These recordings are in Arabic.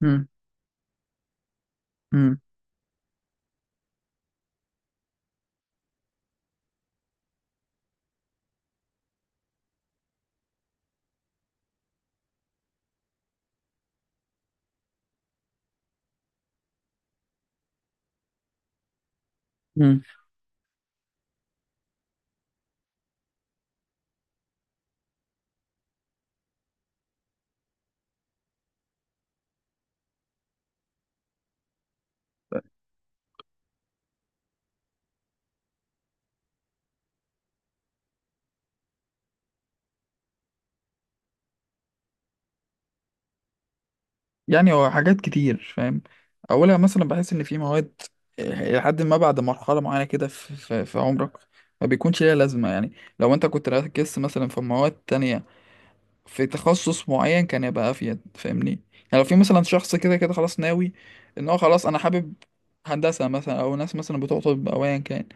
مم. مم. مم. هو حاجات كتير، فاهم؟ اولها مثلا بحس ان في مواد لحد ما بعد مرحله معينه كده في عمرك ما بيكونش ليها لازمه، يعني لو انت كنت ركزت مثلا في مواد تانية في تخصص معين كان يبقى افيد، فاهمني؟ يعني لو في مثلا شخص كده كده خلاص ناوي ان هو خلاص انا حابب هندسه مثلا، او ناس مثلا بتوع طب او ايا كان،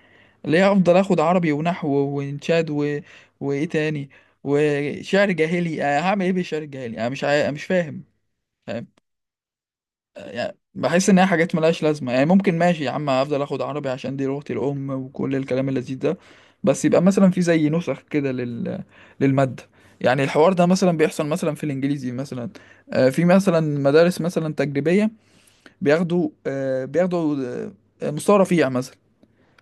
ليه افضل اخد عربي ونحو وانشاد وايه تاني وشعر جاهلي؟ أنا هعمل ايه بالشعر الجاهلي؟ انا مش فاهم، فاهم؟ يعني بحس ان هي حاجات ملهاش لازمه، يعني ممكن ماشي يا عم افضل اخد عربي عشان دي لغتي الام وكل الكلام اللذيذ ده، بس يبقى مثلا في زي نسخ كده للماده. يعني الحوار ده مثلا بيحصل مثلا في الانجليزي مثلا. في مثلا مدارس مثلا تجريبيه بياخدوا، بياخدوا، مستوى رفيع مثلا.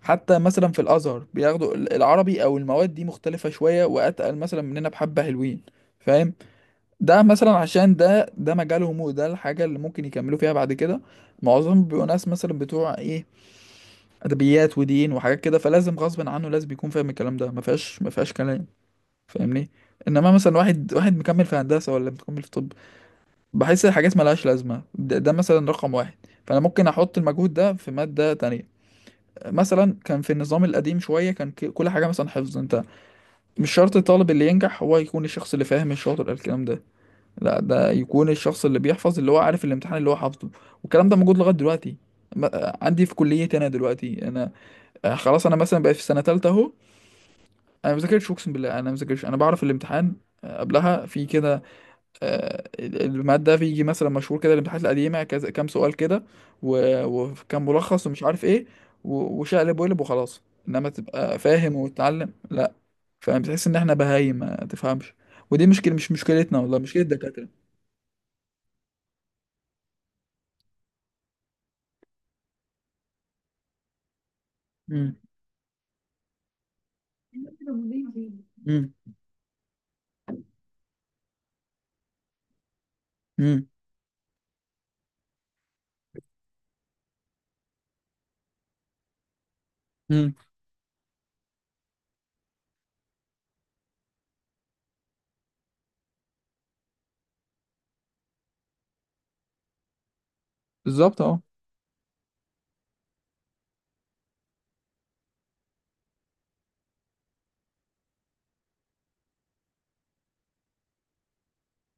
حتى مثلا في الازهر بياخدوا العربي او المواد دي مختلفه شويه واتقل مثلا مننا، بحبه حلوين، فاهم؟ ده مثلا عشان ده مجالهم، وده الحاجة اللي ممكن يكملوا فيها بعد كده. معظمهم بيبقوا ناس مثلا بتوع ايه، أدبيات ودين وحاجات كده، فلازم غصب عنه لازم يكون فاهم الكلام ده، ما فيهاش كلام، فاهمني؟ انما مثلا واحد واحد مكمل في هندسة ولا مكمل في طب، بحس الحاجات ملهاش لازمة. ده مثلا رقم واحد، فانا ممكن احط المجهود ده في مادة تانية. مثلا كان في النظام القديم شوية كان كل حاجة مثلا حفظ. انت مش شرط الطالب اللي ينجح هو يكون الشخص اللي فاهم الشاطر الكلام ده، لا، ده يكون الشخص اللي بيحفظ، اللي هو عارف الامتحان اللي هو حافظه. والكلام ده موجود لغايه دلوقتي. عندي في كليتي انا دلوقتي انا، خلاص انا مثلا بقيت في سنه ثالثه اهو. انا ما بذاكرش، اقسم بالله انا ما بذاكرش، انا بعرف الامتحان، قبلها في كده، الماده بيجي مثلا مشهور كده الامتحانات القديمه كذا، كام سؤال كده وكام ملخص ومش عارف ايه، وشقلب وقلب وخلاص. انما تبقى فاهم وتتعلم، لا. فبتحس ان احنا بهايم ما تفهمش. ودي مشكله، مش مشكلتنا والله، مشكله الدكاتره. مم. امم. امم. بالظبط، اه.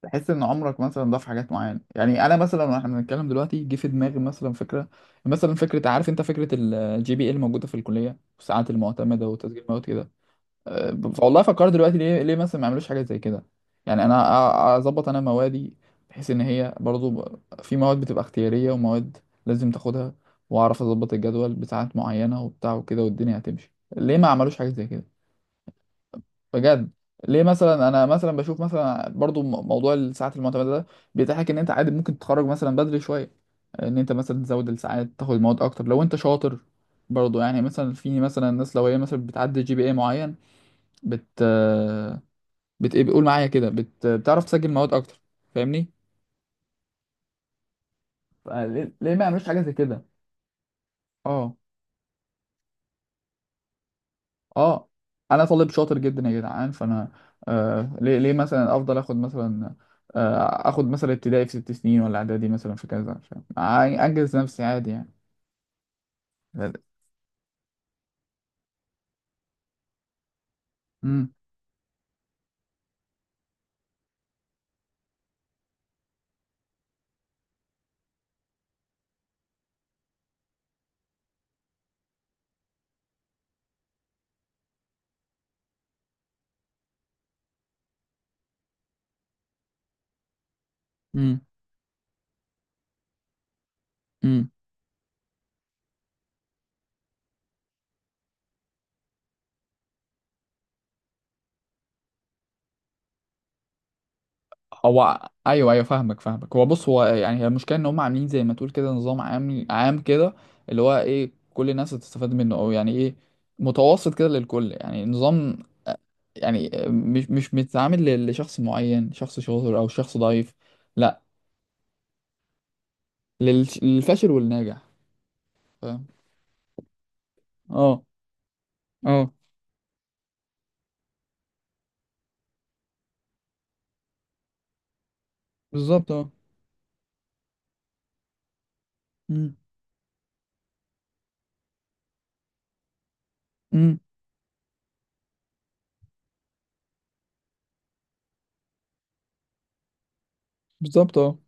تحس ان عمرك مثلا ضاف حاجات معينه. يعني انا مثلا واحنا بنتكلم دلوقتي جه في دماغي مثلا فكره، مثلا فكره، عارف انت فكره الـGPA الموجوده في الكليه والساعات المعتمده وتسجيل مواد كده. أه، والله فكرت دلوقتي، ليه مثلا ما يعملوش حاجه زي كده؟ يعني انا اظبط انا موادي، بحيث ان هي برضو، في مواد بتبقى اختياريه ومواد لازم تاخدها، واعرف اظبط الجدول بساعات معينه وبتاع وكده، والدنيا هتمشي، ليه ما عملوش حاجه زي كده بجد؟ ليه مثلا انا مثلا بشوف مثلا برضو موضوع الساعات المعتمده ده بيتيح لك ان انت عادي ممكن تتخرج مثلا بدري شويه، ان انت مثلا تزود الساعات تاخد المواد اكتر لو انت شاطر. برضو يعني مثلا في مثلا ناس لو هي مثلا بتعدي GPA معين، بت بت ايه بيقول معايا كده، بتعرف تسجل مواد اكتر، فاهمني؟ ليه ما يعملوش حاجه زي كده؟ اه. اه. انا طالب شاطر جدا يا جدعان، فانا، ليه مثلا افضل اخد مثلا، اخد مثلا ابتدائي في 6 سنين ولا اعدادي مثلا في كذا؟ فاهم؟ انجز نفسي عادي يعني. امم. امم. امم. هو، ايوه ايوه، فاهمك فاهمك. هو بص، هو يعني هي المشكله ان هم عاملين زي ما تقول كده نظام عام، عام كده، اللي هو ايه، كل الناس هتستفاد منه، او يعني ايه، متوسط كده للكل، يعني نظام، يعني مش متعامل لشخص معين، شخص شاطر او شخص ضعيف. لا، للفاشل والناجح، فاهم؟ اه. اه. بالظبط، اه. امم. امم. بالظبط، اه.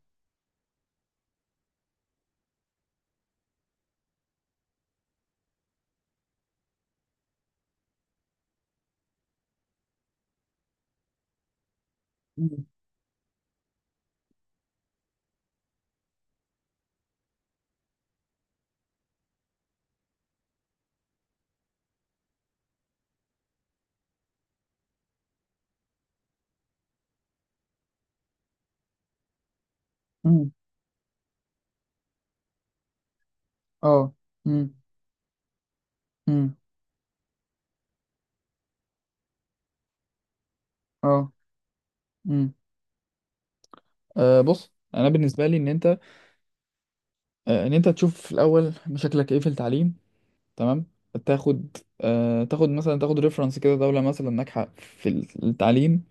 امم. امم. اه. امم. امم. اه. امم. أه بص، انا بالنسبه لي، ان انت، أه ان انت تشوف في الاول مشاكلك ايه في التعليم، تمام. تاخد ريفرنس كده دوله مثلا ناجحه في التعليم،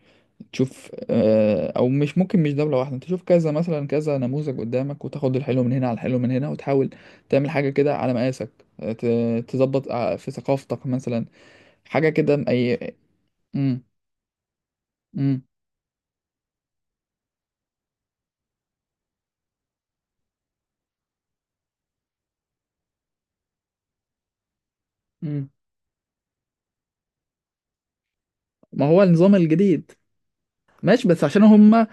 تشوف، او مش ممكن مش دولة واحدة، انت تشوف كذا مثلا كذا نموذج قدامك، وتاخد الحلو من هنا على الحلو من هنا، وتحاول تعمل حاجة كده على مقاسك، تظبط في ثقافتك مثلا حاجة كده اي. مم. مم. مم. ما هو النظام الجديد، ماشي، بس عشان هم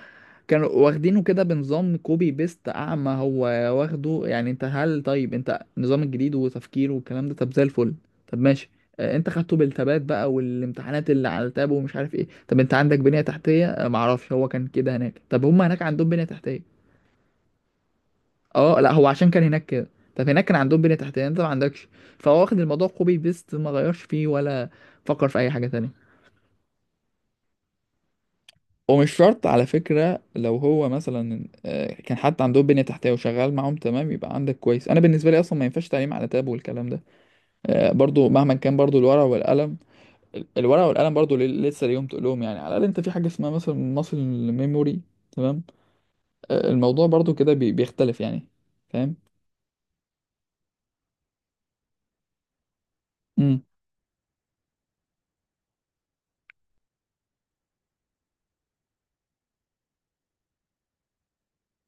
كانوا واخدينه كده بنظام كوبي بيست اعمى، هو واخده يعني. انت هل، طيب انت النظام الجديد وتفكيره والكلام ده طب زي الفل، طب ماشي، انت خدته بالتبات بقى، والامتحانات اللي على التاب ومش عارف ايه، طب انت عندك بنية تحتية؟ معرفش هو كان كده هناك، طب هم هناك عندهم بنية تحتية. اه لا، هو عشان كان هناك كده، طب هناك كان عندهم بنية تحتية، انت ما عندكش، فهو واخد الموضوع كوبي بيست، ما غيرش فيه ولا فكر في اي حاجة تانية. ومش شرط على فكرة لو هو مثلا كان حتى عنده بنية تحتية وشغال معاهم تمام يبقى عندك كويس، أنا بالنسبة لي أصلا ما ينفعش تعليم على تاب والكلام ده، برضو مهما كان برضو الورق والقلم. الورق والقلم برضو لسه ليهم، تقولهم يعني على الأقل أنت في حاجة اسمها مثلا ماسل ميموري، تمام، الموضوع برضو كده بيختلف يعني، فاهم؟ امم.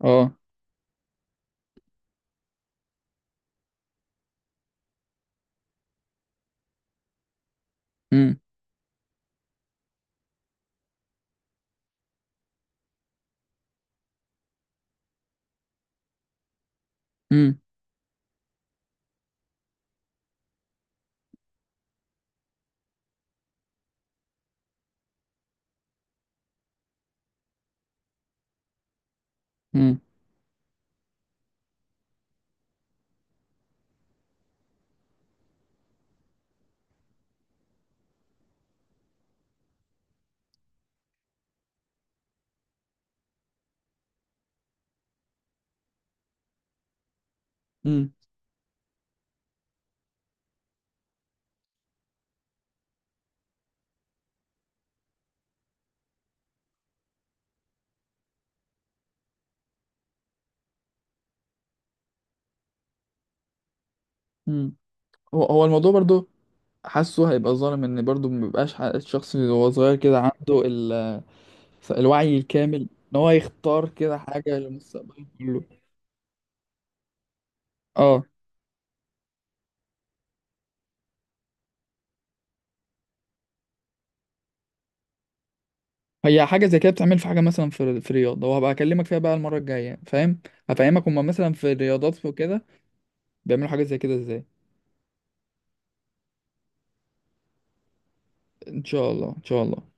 اه. امم. امم. امم. امم. امم. هو الموضوع برضو، حاسه هيبقى ظالم ان برضو مبيبقاش الشخص اللي هو صغير كده، عنده ال، الوعي الكامل، ان هو يختار كده حاجه لمستقبله كله. اه. هي حاجه زي كده بتعمل، في حاجه مثلا في رياضه، وهبقى اكلمك فيها بقى المره الجايه، فاهم؟ هفهمك، هما مثلا في الرياضات وكده بيعملوا حاجه زي كده ازاي. ان شاء الله، ان شاء الله.